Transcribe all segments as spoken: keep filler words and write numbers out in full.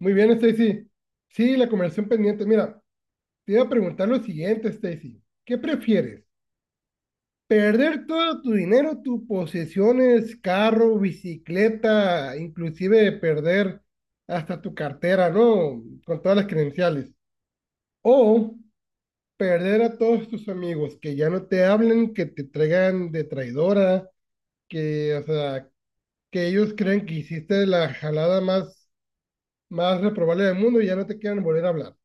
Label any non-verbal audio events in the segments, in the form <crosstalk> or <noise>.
Muy bien, Stacy. Sí, la conversación pendiente. Mira, te iba a preguntar lo siguiente, Stacy. ¿Qué prefieres? ¿Perder todo tu dinero, tus posesiones, carro, bicicleta, inclusive perder hasta tu cartera, ¿no? Con todas las credenciales? O perder a todos tus amigos, que ya no te hablen, que te traigan de traidora, que, o sea, que ellos creen que hiciste la jalada más, más reprobable del mundo y ya no te quieren volver a hablar.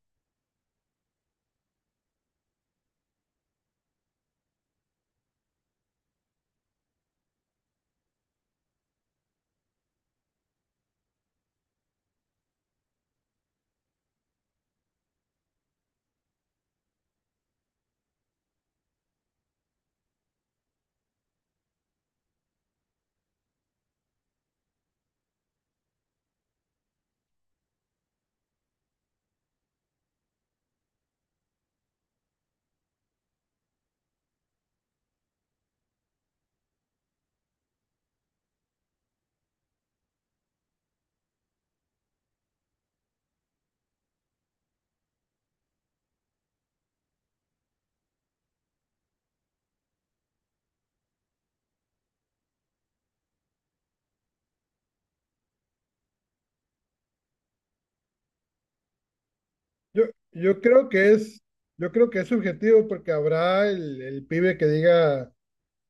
Yo, yo creo que, es, yo creo que es subjetivo, porque habrá el, el pibe que diga: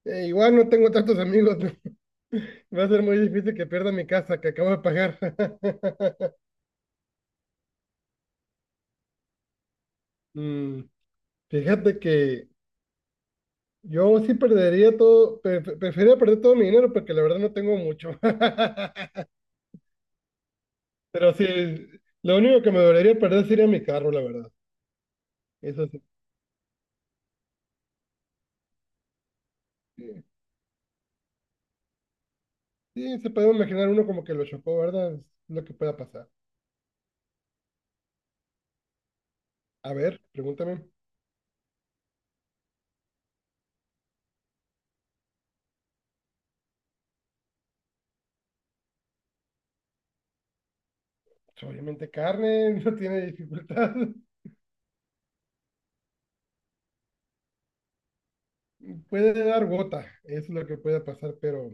"Eh, igual no tengo tantos amigos, <laughs> va a ser muy difícil que pierda mi casa, que acabo de pagar." <laughs> Mm, Fíjate que yo sí perdería todo, pre- pre- preferiría perder todo mi dinero, porque la verdad no tengo mucho. <laughs> Pero sí, lo único que me dolería perder sería mi carro, la verdad. Eso sí. Sí, sí se puede imaginar uno como que lo chocó, ¿verdad? Es lo que pueda pasar. A ver, pregúntame. Pues obviamente carne, <laughs> no tiene dificultad. <laughs> Puede dar gota, es lo que puede pasar, pero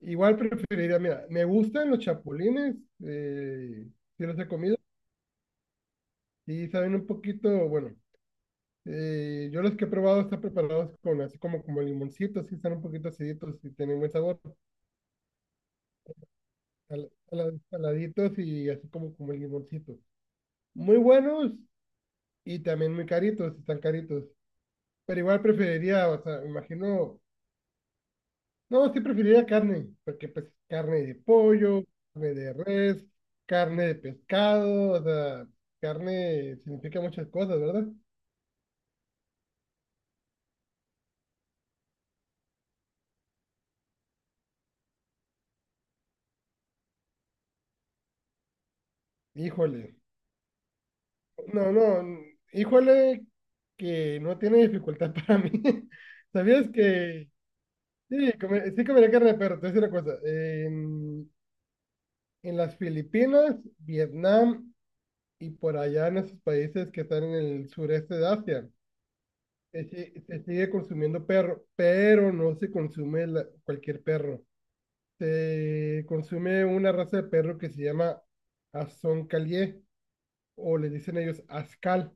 igual preferiría, mira, me gustan los chapulines, eh, si los he comido, y saben un poquito, bueno, eh, yo los que he probado están preparados con así como, como limoncitos, sí, están un poquito aciditos y tienen buen sabor, sal- sala- saladitos y así como, como limoncitos. Muy buenos, y también muy caritos, están caritos. Pero igual preferiría, o sea, me imagino. No, sí preferiría carne, porque pues carne de pollo, carne de res, carne de pescado, o sea, carne significa muchas cosas, ¿verdad? Híjole, no, no, n- híjole, que no tiene dificultad <laughs> para mí. ¿Sabías que sí, come- sí comería carne de perro? Te voy a decir una cosa, en, en las Filipinas, Vietnam y por allá en esos países que están en el sureste de Asia, Se, si- se sigue consumiendo perro, pero no se consume la- cualquier perro. Se consume una raza de perro que se llama Azoncalié, o le dicen ellos Ascal.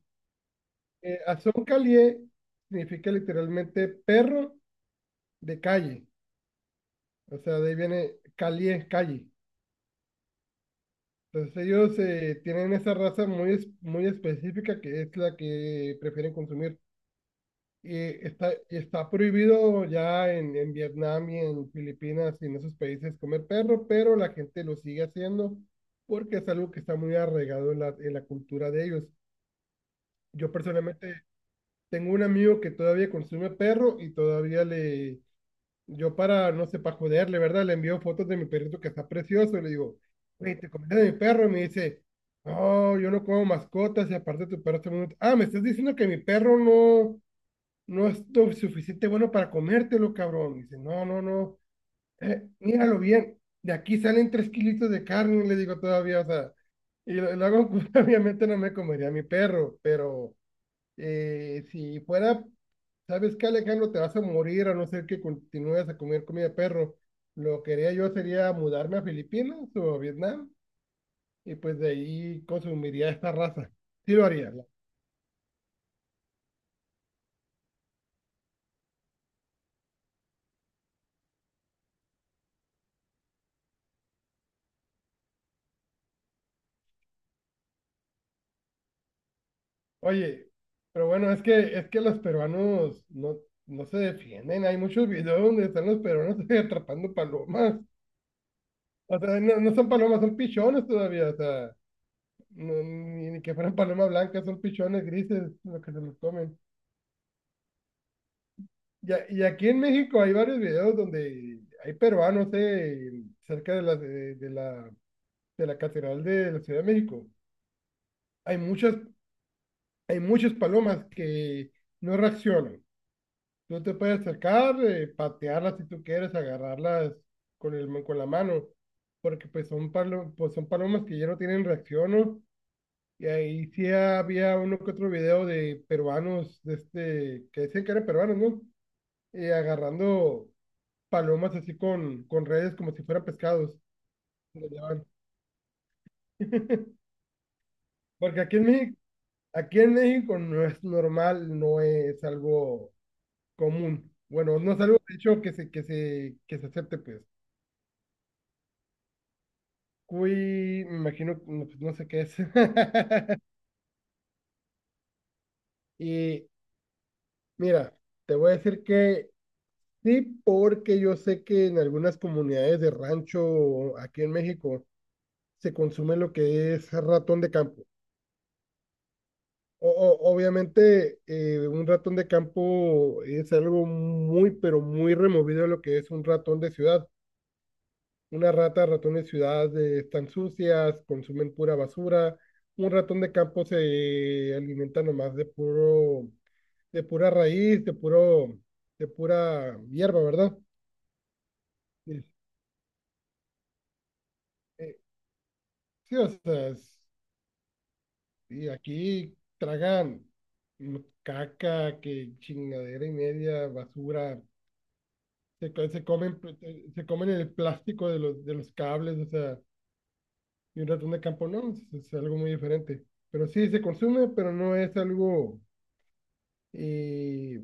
Eh, Azoncalié significa literalmente perro de calle, o sea, de ahí viene calié, calle. Entonces ellos eh, tienen esa raza muy, es- muy específica, que es la que prefieren consumir. Y está, está prohibido ya en, en Vietnam y en Filipinas y en esos países comer perro, pero la gente lo sigue haciendo, porque es algo que está muy arraigado en la, en la cultura de ellos. Yo personalmente tengo un amigo que todavía consume perro, y todavía le, yo, para, no sé, para joderle, ¿verdad? Le envío fotos de mi perrito, que está precioso, y le digo: "Güey, te comiste de mi perro", y me dice: "No, yo no como mascotas, y aparte tu perro está muy..." Ah, me estás diciendo que mi perro no, no es lo suficiente bueno para comértelo, cabrón. Dice: "No, no, no, eh, míralo bien. De aquí salen tres kilitos de carne", le digo todavía, o sea, y lo, lo hago, <laughs> obviamente no me comería a mi perro, pero eh, si fuera, ¿sabes qué, Alejandro? Te vas a morir a no ser que continúes a comer comida de perro. Lo que haría yo sería mudarme a Filipinas o a Vietnam, y pues de ahí consumiría esta raza. Sí lo haría. Oye, pero bueno, es que es que los peruanos no, no se defienden. Hay muchos videos donde están los peruanos <laughs> atrapando palomas. O sea, no, no son palomas, son pichones todavía. O sea, no- ni, ni que fueran palomas blancas, son pichones grises los que se los comen. Y, a- y aquí en México hay varios videos donde hay peruanos, eh, cerca de la, de, de la, de la Catedral de la Ciudad de México. Hay muchas, hay muchas palomas que no reaccionan. Tú te puedes acercar, eh, patearlas si tú quieres, agarrarlas con el, con la mano, porque pues son, palo- pues son palomas que ya no tienen reacción, ¿no? Y ahí sí había uno que otro video de peruanos, de este, que decían que eran peruanos, ¿no? Eh, agarrando palomas así con, con redes como si fueran pescados, lo llevan. Porque aquí en México, aquí en México no es normal, no es algo común. Bueno, no es algo, de hecho, que se, que se, que se acepte, pues. Cuy, me imagino, no, pues, no sé qué es. <laughs> Y mira, te voy a decir que sí, porque yo sé que en algunas comunidades de rancho aquí en México se consume lo que es ratón de campo. O, o- obviamente, eh, un ratón de campo es algo muy, pero muy removido de lo que es un ratón de ciudad. Una rata, ratón de ciudad, eh, están sucias, consumen pura basura. Un ratón de campo se alimenta nomás de puro, de pura raíz, de puro, de pura hierba, ¿verdad? Este, sí, o sea, es- y aquí tragan mm, caca, que chingadera y media, basura, se, co- se comen, pl- eh, se comen el plástico de los, de los cables, o sea, y un ratón de campo, no, es, es algo muy diferente. Pero sí se consume, pero no es algo, eh...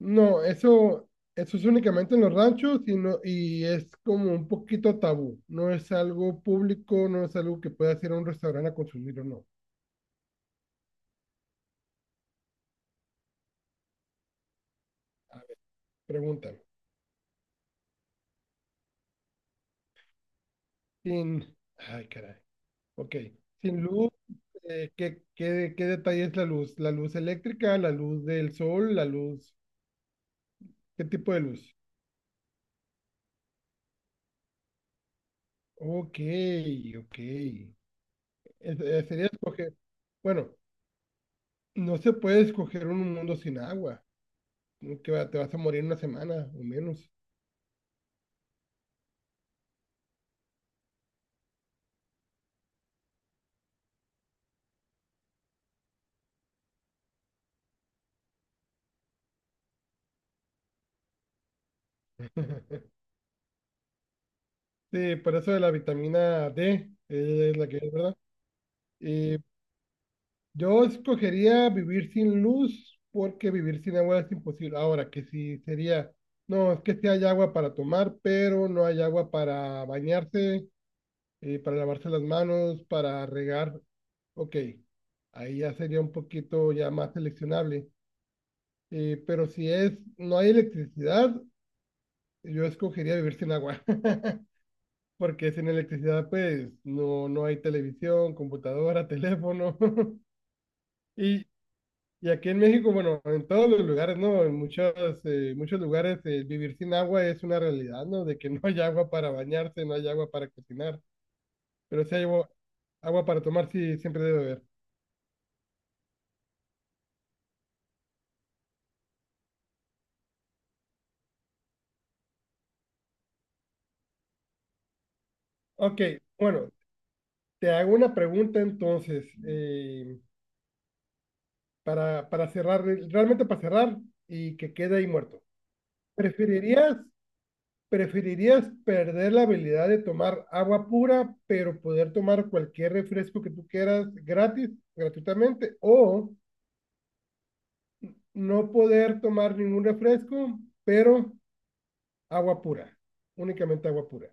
No, eso, eso es únicamente en los ranchos, y no, y es como un poquito tabú. No es algo público, no es algo que puedas ir a un restaurante a consumir o no. A ver, pregúntame. Sin, ay, caray. Ok. Sin luz, eh, ¿qué, qué, qué detalle es la luz? ¿La luz eléctrica, la luz del sol, la luz? ¿Qué tipo de luz? Ok, ok. Es- eh, sería escoger. Bueno, no se puede escoger un mundo sin agua, ¿no? Que va- te vas a morir en una semana o menos. Sí, por eso de la vitamina D, eh, es la que es, ¿verdad? Eh, yo escogería vivir sin luz, porque vivir sin agua es imposible. Ahora, que si sería, no, es que sí hay agua para tomar, pero no hay agua para bañarse, eh, para lavarse las manos, para regar. Ok, ahí ya sería un poquito ya más seleccionable. Eh, pero si es, no hay electricidad, yo escogería vivir sin agua, <laughs> porque sin electricidad pues no, no hay televisión, computadora, <laughs> teléfono. <laughs> Y, y aquí en México, bueno, en todos los lugares, ¿no? En muchos, eh, muchos lugares, eh, vivir sin agua es una realidad, ¿no? De que <laughs> no hay agua para bañarse, no hay agua para cocinar, pero sí hay agua, agua para tomar, sí, siempre debe haber. Ok, bueno, te hago una pregunta entonces, eh, para, para cerrar, realmente para cerrar y que quede ahí muerto. ¿Preferirías... ¿Preferirías perder la habilidad de tomar agua pura, pero poder tomar cualquier refresco que tú quieras gratis, gratuitamente, o no poder tomar ningún refresco, pero agua pura, únicamente agua pura?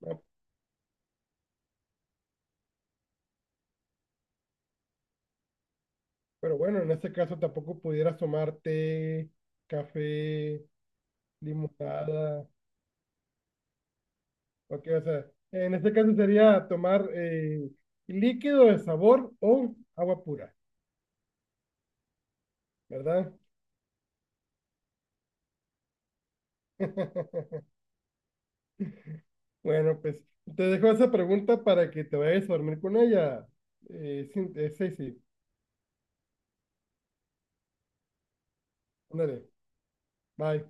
¿No? Pero bueno, en este caso tampoco pudieras tomar té, café, limonada, o qué, o sea, en este caso sería tomar, eh, líquido de sabor o agua pura, ¿verdad? <laughs> Bueno, pues te dejo esa pregunta para que te vayas a dormir con ella. Eh, sí, eh, sí, sí. Ándale. Bye.